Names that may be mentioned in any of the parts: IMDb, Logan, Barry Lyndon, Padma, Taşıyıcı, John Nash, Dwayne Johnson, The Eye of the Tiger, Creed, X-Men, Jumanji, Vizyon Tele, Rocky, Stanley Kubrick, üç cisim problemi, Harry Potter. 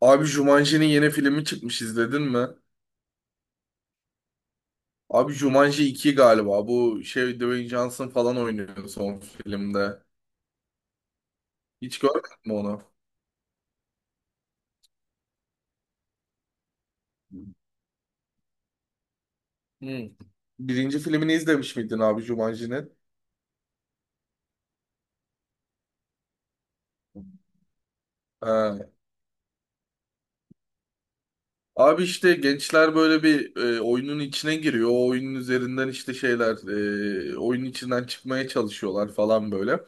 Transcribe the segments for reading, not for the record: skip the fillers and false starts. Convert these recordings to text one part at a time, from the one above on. Abi Jumanji'nin yeni filmi çıkmış izledin mi? Abi Jumanji 2 galiba. Bu şey Dwayne Johnson falan oynuyor son filmde. Hiç görmedin mi onu? Hmm. Birinci filmini izlemiş miydin abi Jumanji'nin? Ha. Abi işte gençler böyle bir oyunun içine giriyor. O oyunun üzerinden işte şeyler oyunun içinden çıkmaya çalışıyorlar falan böyle.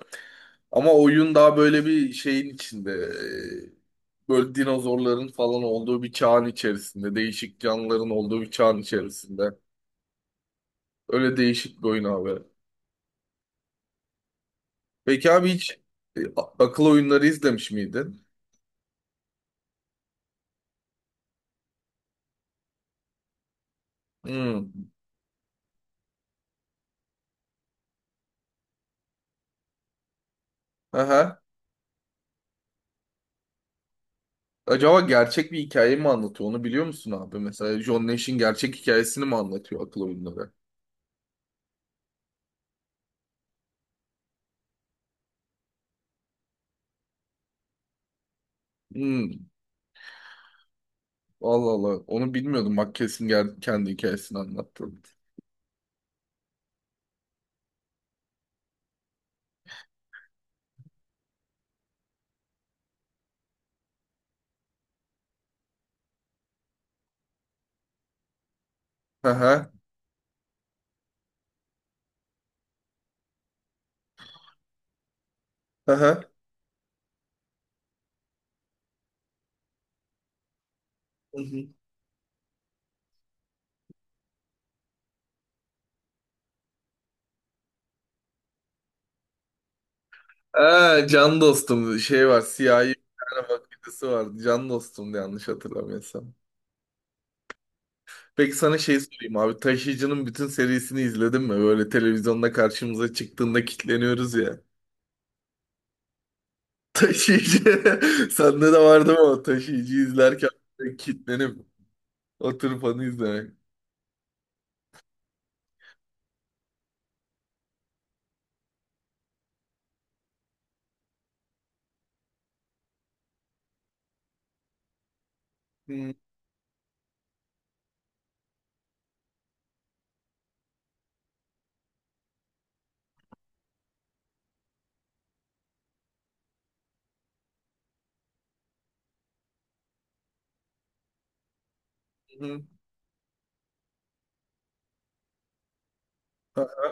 Ama oyun daha böyle bir şeyin içinde. Böyle dinozorların falan olduğu bir çağın içerisinde. Değişik canlıların olduğu bir çağın içerisinde. Öyle değişik bir oyun abi. Peki abi hiç akıl oyunları izlemiş miydin? Hmm. Aha. Acaba gerçek bir hikaye mi anlatıyor? Onu biliyor musun abi? Mesela John Nash'in gerçek hikayesini mi anlatıyor akıl oyunları? Hmm. Allah Allah. Onu bilmiyordum. Bak kesin kendi hikayesini anlattı. Aha. Aha. Aa, can dostum şey var, siyahi bir tane makinesi var. Can dostumdu yanlış hatırlamıyorsam. Peki sana şey sorayım abi, Taşıyıcı'nın bütün serisini izledin mi? Böyle televizyonda karşımıza çıktığında kilitleniyoruz ya. Taşıyıcı sende de vardı mı o Taşıyıcı izlerken böyle kilitlenip oturup onu izlemek. Hı hı. Aha,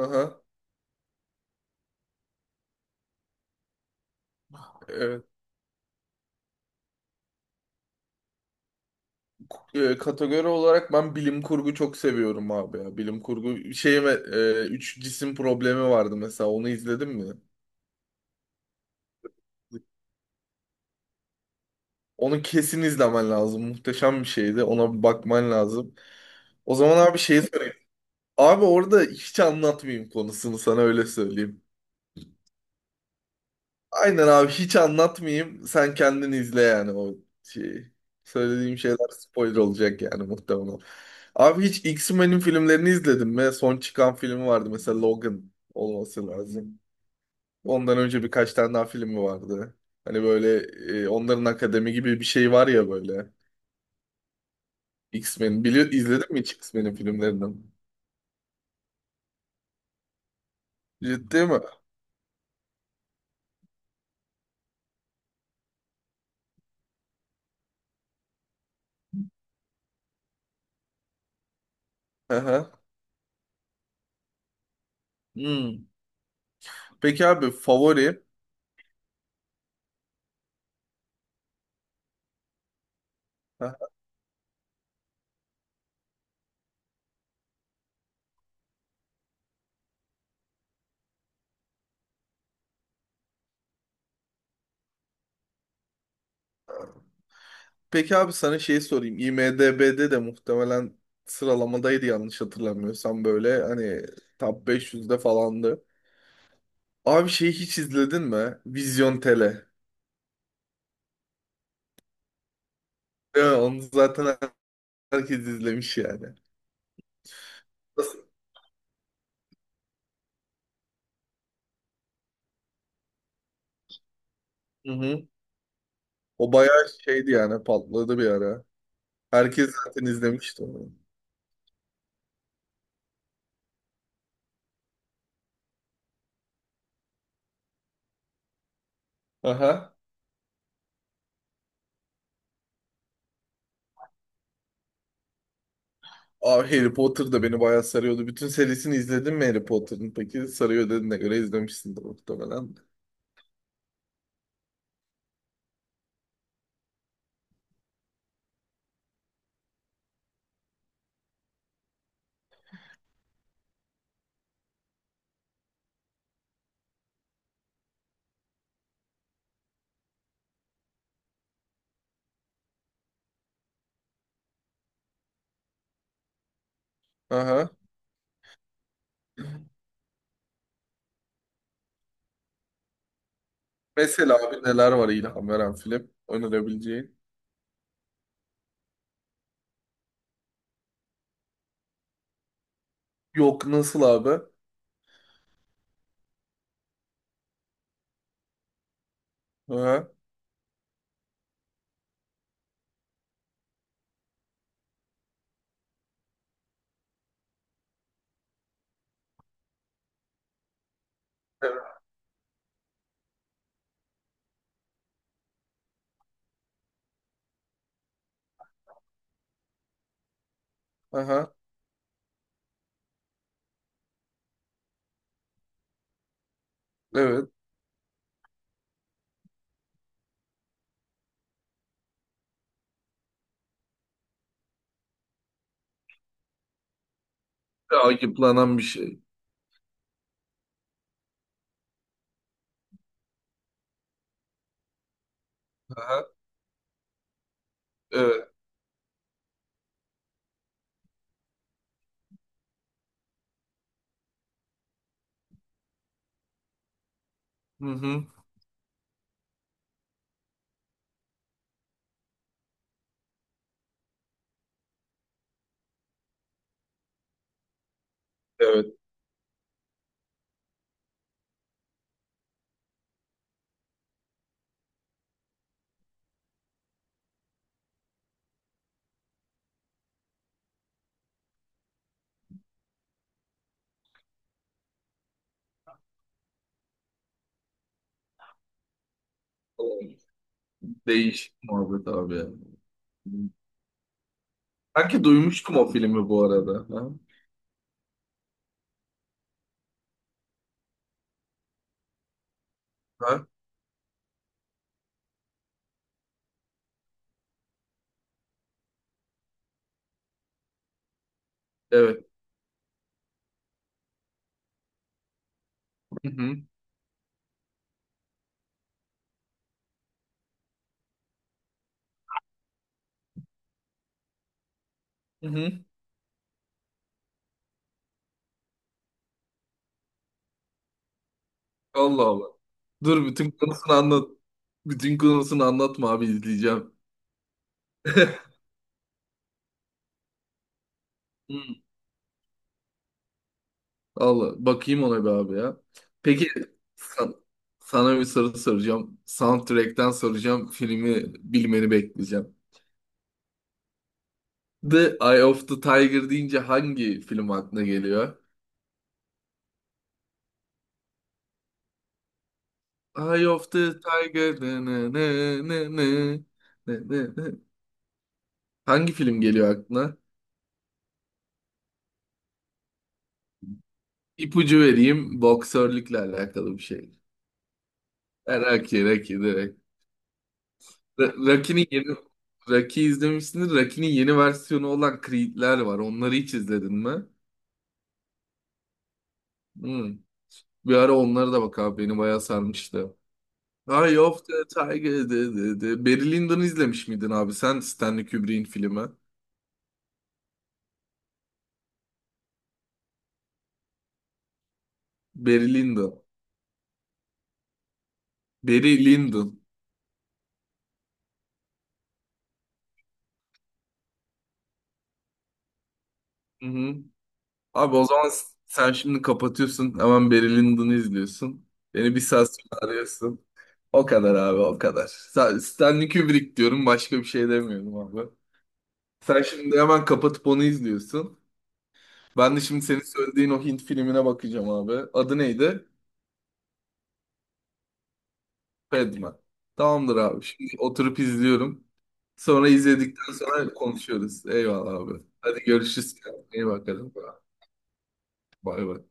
aha. Evet. Kategori olarak ben bilim kurgu çok seviyorum abi ya. Bilim kurgu şeyime üç cisim problemi vardı mesela, onu izledin mi? Onu kesin izlemen lazım. Muhteşem bir şeydi. Ona bir bakman lazım. O zaman abi şeyi sorayım. Abi orada hiç anlatmayayım konusunu, sana öyle söyleyeyim. Aynen abi, hiç anlatmayayım. Sen kendin izle yani o şeyi. Söylediğim şeyler spoiler olacak yani muhtemelen. Abi hiç X-Men'in filmlerini izledin mi? Son çıkan filmi vardı mesela, Logan olması lazım. Ondan önce birkaç tane daha filmi vardı. Hani böyle onların akademi gibi bir şey var ya böyle. X-Men. İzledin mi hiç X-Men'in filmlerinden? Ciddi mi? Aha. Hmm. Peki abi favori? Aha. Peki abi sana şey sorayım. IMDb'de de muhtemelen sıralamadaydı yanlış hatırlamıyorsam, böyle hani top 500'de falandı. Abi şeyi hiç izledin mi? Vizyon Tele. Evet, onu zaten herkes izlemiş yani. Nasıl? Hı hı. O bayağı şeydi yani, patladı bir ara. Herkes zaten izlemişti onu. Aha. Abi Harry Potter da beni bayağı sarıyordu. Bütün serisini izledin mi Harry Potter'ın? Peki sarıyor dediğine göre izlemişsindir muhtemelen. Aha. Mesela abi neler var ilham veren film önerebileceğin? Yok, nasıl abi? Aha. Evet. Aha. Evet. Takiplanan bir şey. Aha. Evet. Hı hı. Evet. Değişik muhabbet abi ya. Sanki duymuştum o filmi bu arada. Ha? Ha? Evet. Hı hı. Hı hı. Allah Allah. Dur, bütün konusunu anlat. Bütün konusunu anlatma abi, izleyeceğim. Hmm. Allah, bakayım ona bir abi ya. Peki san- sana bir soru soracağım. Soundtrack'ten soracağım. Filmi bilmeni bekleyeceğim. The Eye of the Tiger deyince hangi film aklına geliyor? Eye of the Tiger. Ne, ne, ne, ne, ne, ne, ne, ne. Hangi film geliyor aklına? İpucu vereyim. Boksörlükle alakalı bir şey. Rocky, Rocky, direkt. Rocky'nin yeni, Rocky izlemişsindir. Rocky'nin yeni versiyonu olan Creed'ler var. Onları hiç izledin mi? Hmm. Bir ara onlara da bak abi, beni bayağı sarmıştı. Eye of the Tiger. De, de, de. Barry Lyndon'u izlemiş miydin abi sen, Stanley Kubrick'in filmi? Barry Lyndon. Barry Lyndon. Hı hı. Abi o zaman sen şimdi kapatıyorsun. Hemen Barry Lyndon'u izliyorsun. Beni bir saat sonra arıyorsun. O kadar abi, o kadar. Stanley Kubrick diyorum, başka bir şey demiyorum abi. Sen şimdi hemen kapatıp onu izliyorsun. Ben de şimdi senin söylediğin o Hint filmine bakacağım abi. Adı neydi? Padma. Tamamdır abi. Şimdi oturup izliyorum. Sonra izledikten sonra konuşuyoruz. Eyvallah abi. Hadi görüşürüz. Kendine iyi bakalım. Bay bay.